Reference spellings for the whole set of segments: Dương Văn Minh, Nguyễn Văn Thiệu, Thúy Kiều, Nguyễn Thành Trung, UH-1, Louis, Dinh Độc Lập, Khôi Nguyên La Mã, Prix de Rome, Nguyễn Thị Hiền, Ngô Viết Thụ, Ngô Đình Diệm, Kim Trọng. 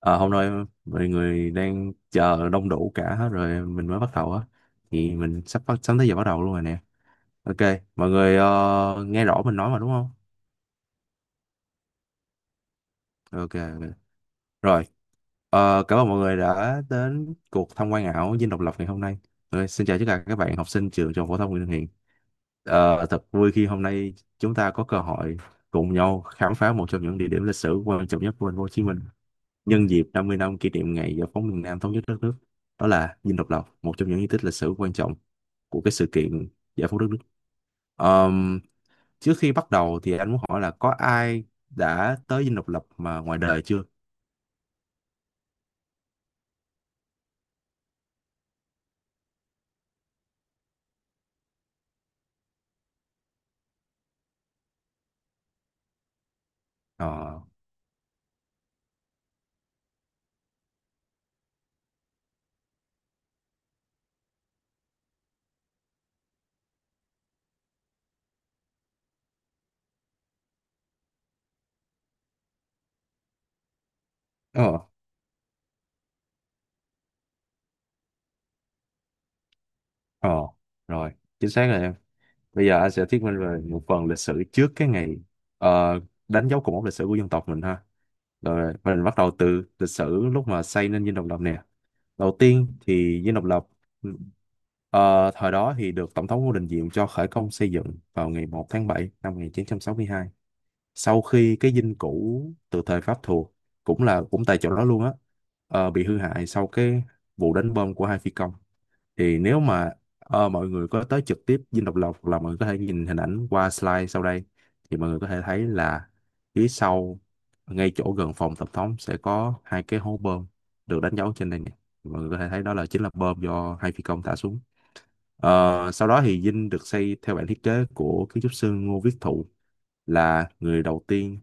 Ờ, Hôm nay mọi người đang chờ đông đủ cả hết rồi mình mới bắt đầu á, thì mình sắp tới giờ bắt đầu luôn rồi nè. Ok, mọi người nghe rõ mình nói mà đúng không? Ok, ok. Rồi. Cảm ơn mọi người đã đến cuộc tham quan ảo Dinh Độc Lập ngày hôm nay. Ok, xin chào tất cả các bạn học sinh trường trung học phổ thông Nguyễn Thị Hiền. Thật vui khi hôm nay chúng ta có cơ hội cùng nhau khám phá một trong những địa điểm lịch sử quan trọng nhất của thành phố Hồ Chí Minh nhân dịp 50 năm kỷ niệm ngày giải phóng miền Nam thống nhất đất nước. Đó là Dinh Độc Lập, một trong những di tích lịch sử quan trọng của cái sự kiện giải phóng đất nước. Ờm, Trước khi bắt đầu thì anh muốn hỏi là có ai đã tới Dinh Độc Lập mà ngoài đời chưa? Ờ, ờ, ờ, rồi, chính xác rồi em. Bây giờ anh sẽ thuyết minh về một phần lịch sử trước cái ngày ờ, đánh dấu cột mốc lịch sử của dân tộc mình ha. Rồi, mình bắt đầu từ lịch sử lúc mà xây nên Dinh Độc Lập nè. Đầu tiên thì Dinh Độc Lập ừ, thời đó thì được Tổng thống Ngô Đình Diệm cho khởi công xây dựng vào ngày 1 tháng 7 năm 1962. Sau khi cái dinh cũ từ thời Pháp thuộc cũng tại chỗ đó luôn á, bị hư hại sau cái vụ đánh bom của hai phi công, thì nếu mà mọi người có tới trực tiếp Dinh Độc Lập hoặc là mọi người có thể nhìn hình ảnh qua slide sau đây thì mọi người có thể thấy là phía sau, ngay chỗ gần phòng tổng thống sẽ có hai cái hố bơm được đánh dấu trên đây nè. Mọi người có thể thấy đó là chính là bơm do hai phi công thả xuống. Sau đó thì dinh được xây theo bản thiết kế của kiến trúc sư Ngô Viết Thụ, là người đầu tiên,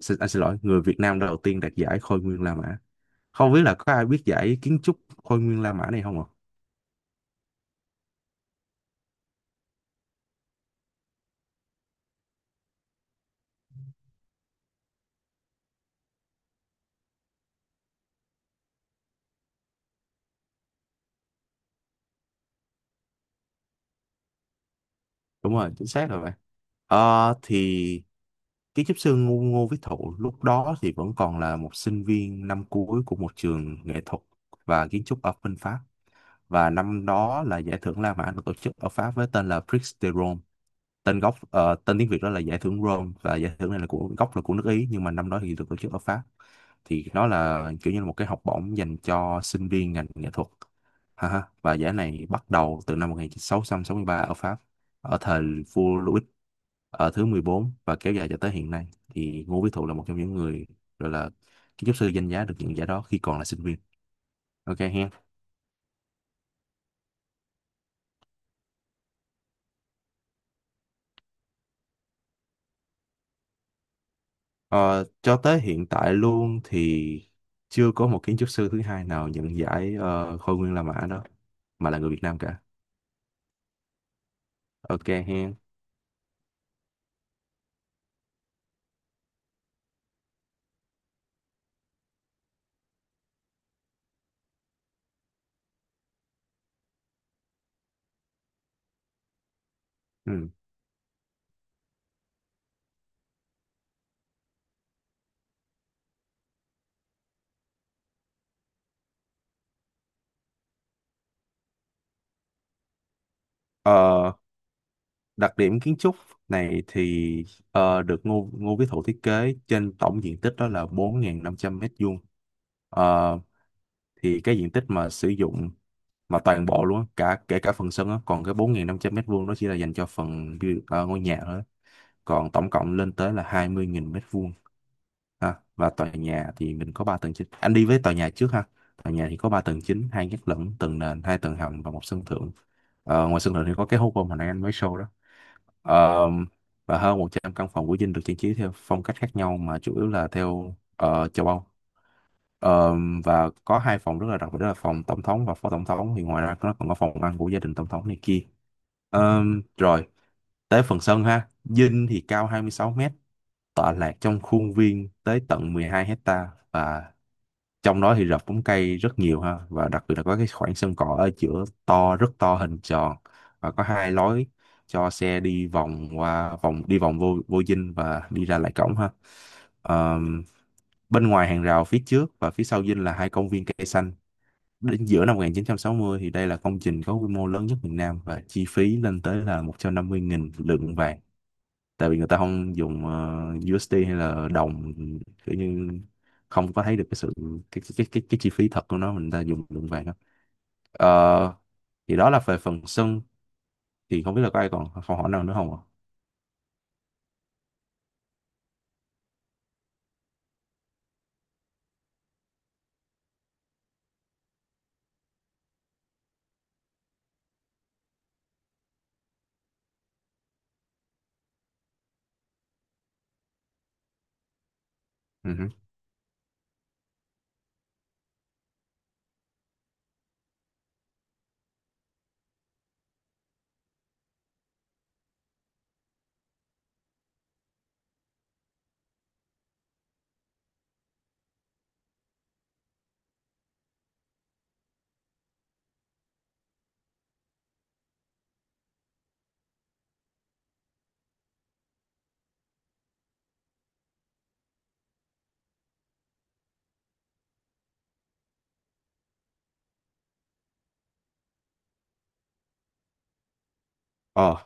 anh xin lỗi, người Việt Nam đầu tiên đạt giải Khôi Nguyên La Mã. Không biết là có ai biết giải kiến trúc Khôi Nguyên La Mã này không ạ? Đúng rồi, chính xác rồi bạn. Thì kiến trúc sư Ngô Viết Thụ lúc đó thì vẫn còn là một sinh viên năm cuối của một trường nghệ thuật và kiến trúc ở bên Pháp, và năm đó là giải thưởng La Mã được tổ chức ở Pháp với tên là Prix de Rome. Tên gốc, tên tiếng Việt đó là giải thưởng Rome, và giải thưởng này là của gốc là của nước Ý, nhưng mà năm đó thì được tổ chức ở Pháp. Thì nó là kiểu như là một cái học bổng dành cho sinh viên ngành nghệ thuật ha ha. Và giải này bắt đầu từ năm 1663 ở Pháp, ở thời vua Louis ở thứ 14, và kéo dài cho tới hiện nay. Thì Ngô Viết Thụ là một trong những người gọi là kiến trúc sư danh giá được nhận giải đó khi còn là sinh viên. Ok ha. Ờ, cho tới hiện tại luôn thì chưa có một kiến trúc sư thứ hai nào nhận giải Khôi Nguyên La Mã đó mà là người Việt Nam cả. Ok hen. Ừ. Ờ, Đặc điểm kiến trúc này thì được Ngô Ngô Quý Thụ thiết kế trên tổng diện tích đó là 4.500 mét vuông. Ờ, thì cái diện tích mà sử dụng mà toàn bộ luôn á, cả kể cả phần sân á, còn cái 4.500 mét vuông đó chỉ là dành cho phần ngôi nhà thôi á. Còn tổng cộng lên tới là 20.000 mét vuông ha. Và tòa nhà thì mình có 3 tầng chính, anh đi với tòa nhà trước ha. Tòa nhà thì có 3 tầng chính, hai gác lửng, tầng nền, hai tầng hầm và một sân thượng. Ngoài sân thượng thì có cái hố bom hồi nãy anh mới show đó. Ờ, và hơn 100 căn phòng của Dinh được trang trí theo phong cách khác nhau mà chủ yếu là theo châu Âu. Ờ, và có hai phòng rất là đặc biệt, đó là phòng tổng thống và phó tổng thống. Thì ngoài ra nó còn có phòng ăn của gia đình tổng thống này kia. Ờ, Rồi tới phần sân ha. Dinh thì cao 26 mét, tọa lạc trong khuôn viên tới tận 12 hecta, và trong đó thì rập bóng cây rất nhiều ha. Và đặc biệt là có cái khoảng sân cỏ ở giữa to, rất to, hình tròn, và có hai lối cho xe đi vòng qua, vòng đi vòng vô vô dinh và đi ra lại cổng ha. Ờm, Bên ngoài hàng rào phía trước và phía sau dinh là hai công viên cây xanh. Đến giữa năm 1960 thì đây là công trình có quy mô lớn nhất miền Nam, và chi phí lên tới là 150 nghìn lượng vàng, tại vì người ta không dùng USD hay là đồng, kiểu như không có thấy được cái sự chi phí thật của nó, mình ta dùng lượng vàng đó. Ờ, thì đó là về phần sân, thì không biết là có ai còn câu hỏi nào nữa không ạ? Ừ hử. Ờ,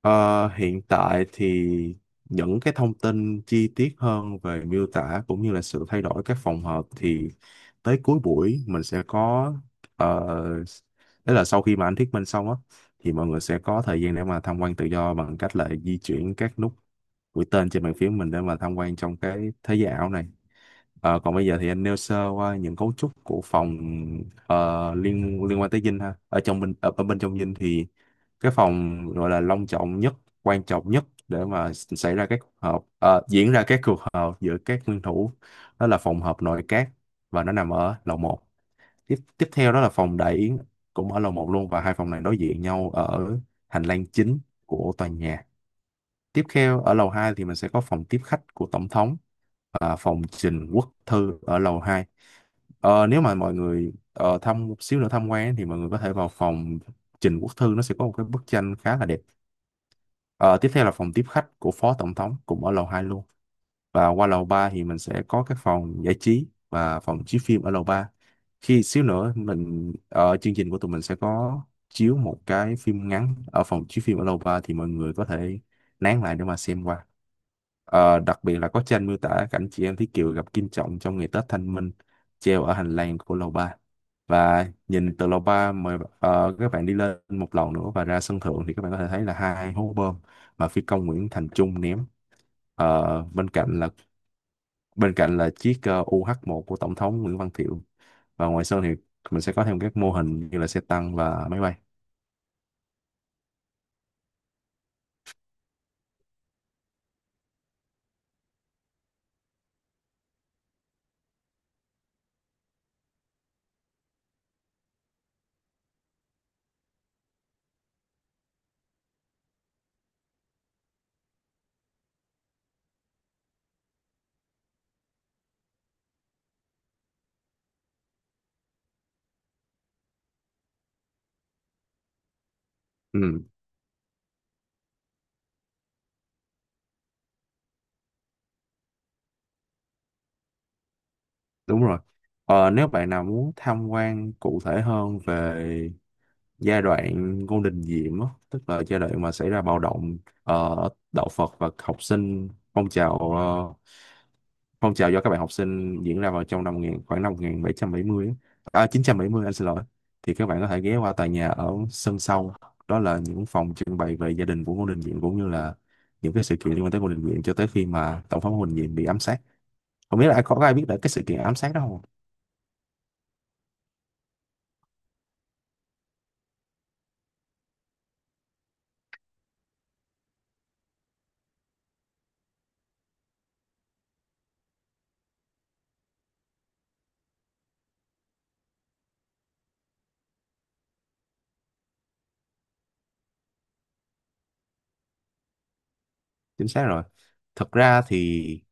Hiện tại thì những cái thông tin chi tiết hơn về miêu tả cũng như là sự thay đổi các phòng hợp thì tới cuối buổi mình sẽ có, uh, đấy là sau khi mà anh thuyết minh xong á, thì mọi người sẽ có thời gian để mà tham quan tự do bằng cách là di chuyển các nút mũi tên trên bàn phím mình để mà tham quan trong cái thế giới ảo này. Còn bây giờ thì anh nêu sơ qua những cấu trúc của phòng liên liên quan tới dinh ha, ở bên trong dinh thì cái phòng gọi là long trọng nhất, quan trọng nhất để mà xảy ra các cuộc họp, diễn ra các cuộc họp giữa các nguyên thủ, đó là phòng họp nội các, và nó nằm ở lầu một. Tiếp tiếp theo đó là phòng đại yến, cũng ở lầu một luôn, và hai phòng này đối diện nhau ở hành lang chính của tòa nhà. Tiếp theo, ở lầu 2 thì mình sẽ có phòng tiếp khách của tổng thống và phòng trình quốc thư ở lầu hai. Nếu mà mọi người thăm một xíu nữa tham quan thì mọi người có thể vào phòng Trình Quốc Thư, nó sẽ có một cái bức tranh khá là đẹp. Ờ, Tiếp theo là phòng tiếp khách của Phó Tổng thống, cũng ở lầu 2 luôn. Và qua lầu 3 thì mình sẽ có các phòng giải trí và phòng chiếu phim ở lầu 3. Khi xíu nữa mình ở chương trình của tụi mình sẽ có chiếu một cái phim ngắn ở phòng chiếu phim ở lầu ba, thì mọi người có thể nán lại để mà xem qua. Đặc biệt là có tranh miêu tả cảnh chị em Thúy Kiều gặp Kim Trọng trong ngày Tết Thanh Minh, treo ở hành lang của lầu ba. Và nhìn từ lầu ba, mời các bạn đi lên một lầu nữa và ra sân thượng, thì các bạn có thể thấy là hai hố bom mà phi công Nguyễn Thành Trung ném. Ờ, bên cạnh là bên cạnh là chiếc UH-1 của Tổng thống Nguyễn Văn Thiệu, và ngoài Sơn thì mình sẽ có thêm các mô hình như là xe tăng và máy bay. Ừ, đúng rồi. Nếu bạn nào muốn tham quan cụ thể hơn về giai đoạn Ngô Đình Diệm á, tức là giai đoạn mà xảy ra bạo động ờ, đạo Phật và học sinh, phong trào ờ, Phong trào do các bạn học sinh diễn ra vào trong năm 1000, khoảng năm 1770 á. À, 970, anh xin lỗi. Thì các bạn có thể ghé qua tòa nhà ở sân sau. Đó là những phòng trưng bày về gia đình của Ngô Đình Diệm cũng như là những cái sự kiện liên quan tới Ngô Đình Diệm cho tới khi mà tổng thống Ngô Đình Diệm bị ám sát. Không biết là ai biết được cái sự kiện ám sát đó không? Chính xác rồi. Thực ra thì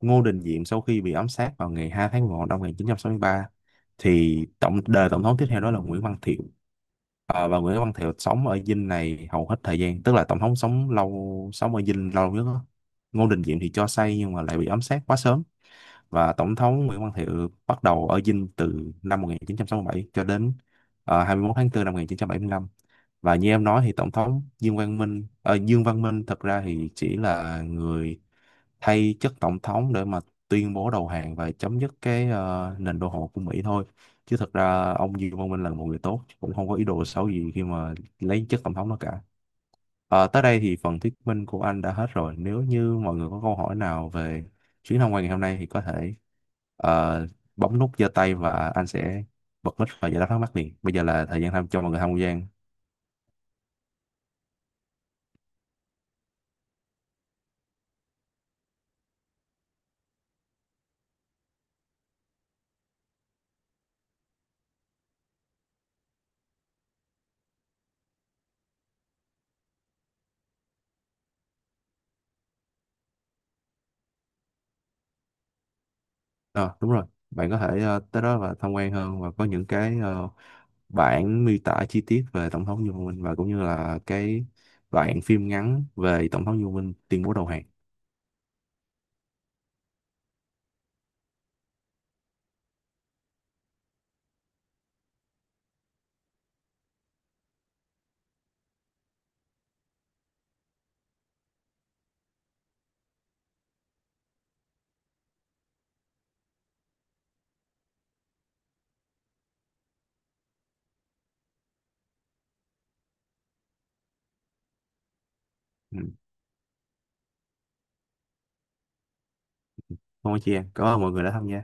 Ngô Đình Diệm sau khi bị ám sát vào ngày 2 tháng 1 năm 1963 thì đời tổng thống tiếp theo đó là Nguyễn Văn Thiệu. Và Nguyễn Văn Thiệu sống ở Dinh này hầu hết thời gian, tức là tổng thống sống ở Dinh lâu nhất đó. Ngô Đình Diệm thì cho xây nhưng mà lại bị ám sát quá sớm, và tổng thống Nguyễn Văn Thiệu bắt đầu ở Dinh từ năm 1967 cho đến 21 tháng 4 năm 1975. Và như em nói thì tổng thống Dương Văn Minh thật ra thì chỉ là người thay chức tổng thống để mà tuyên bố đầu hàng và chấm dứt cái nền đô hộ của Mỹ thôi, chứ thật ra ông Dương Văn Minh là một người tốt, cũng không có ý đồ xấu gì khi mà lấy chức tổng thống đó cả. Tới đây thì phần thuyết minh của anh đã hết rồi. Nếu như mọi người có câu hỏi nào về chuyến tham quan ngày hôm nay thì có thể ờ, bấm nút giơ tay, và anh sẽ bật mic và giải đáp thắc mắc liền. Bây giờ là thời gian tham cho mọi người tham quan. Ờ, đúng rồi. Bạn có thể tới đó và tham quan hơn, và có những cái bản miêu tả chi tiết về Tổng thống Du Minh, và cũng như là cái đoạn phim ngắn về Tổng thống Du Minh tuyên bố đầu hàng. Ừ. Không có chi em. Cảm ơn mọi người đã tham gia.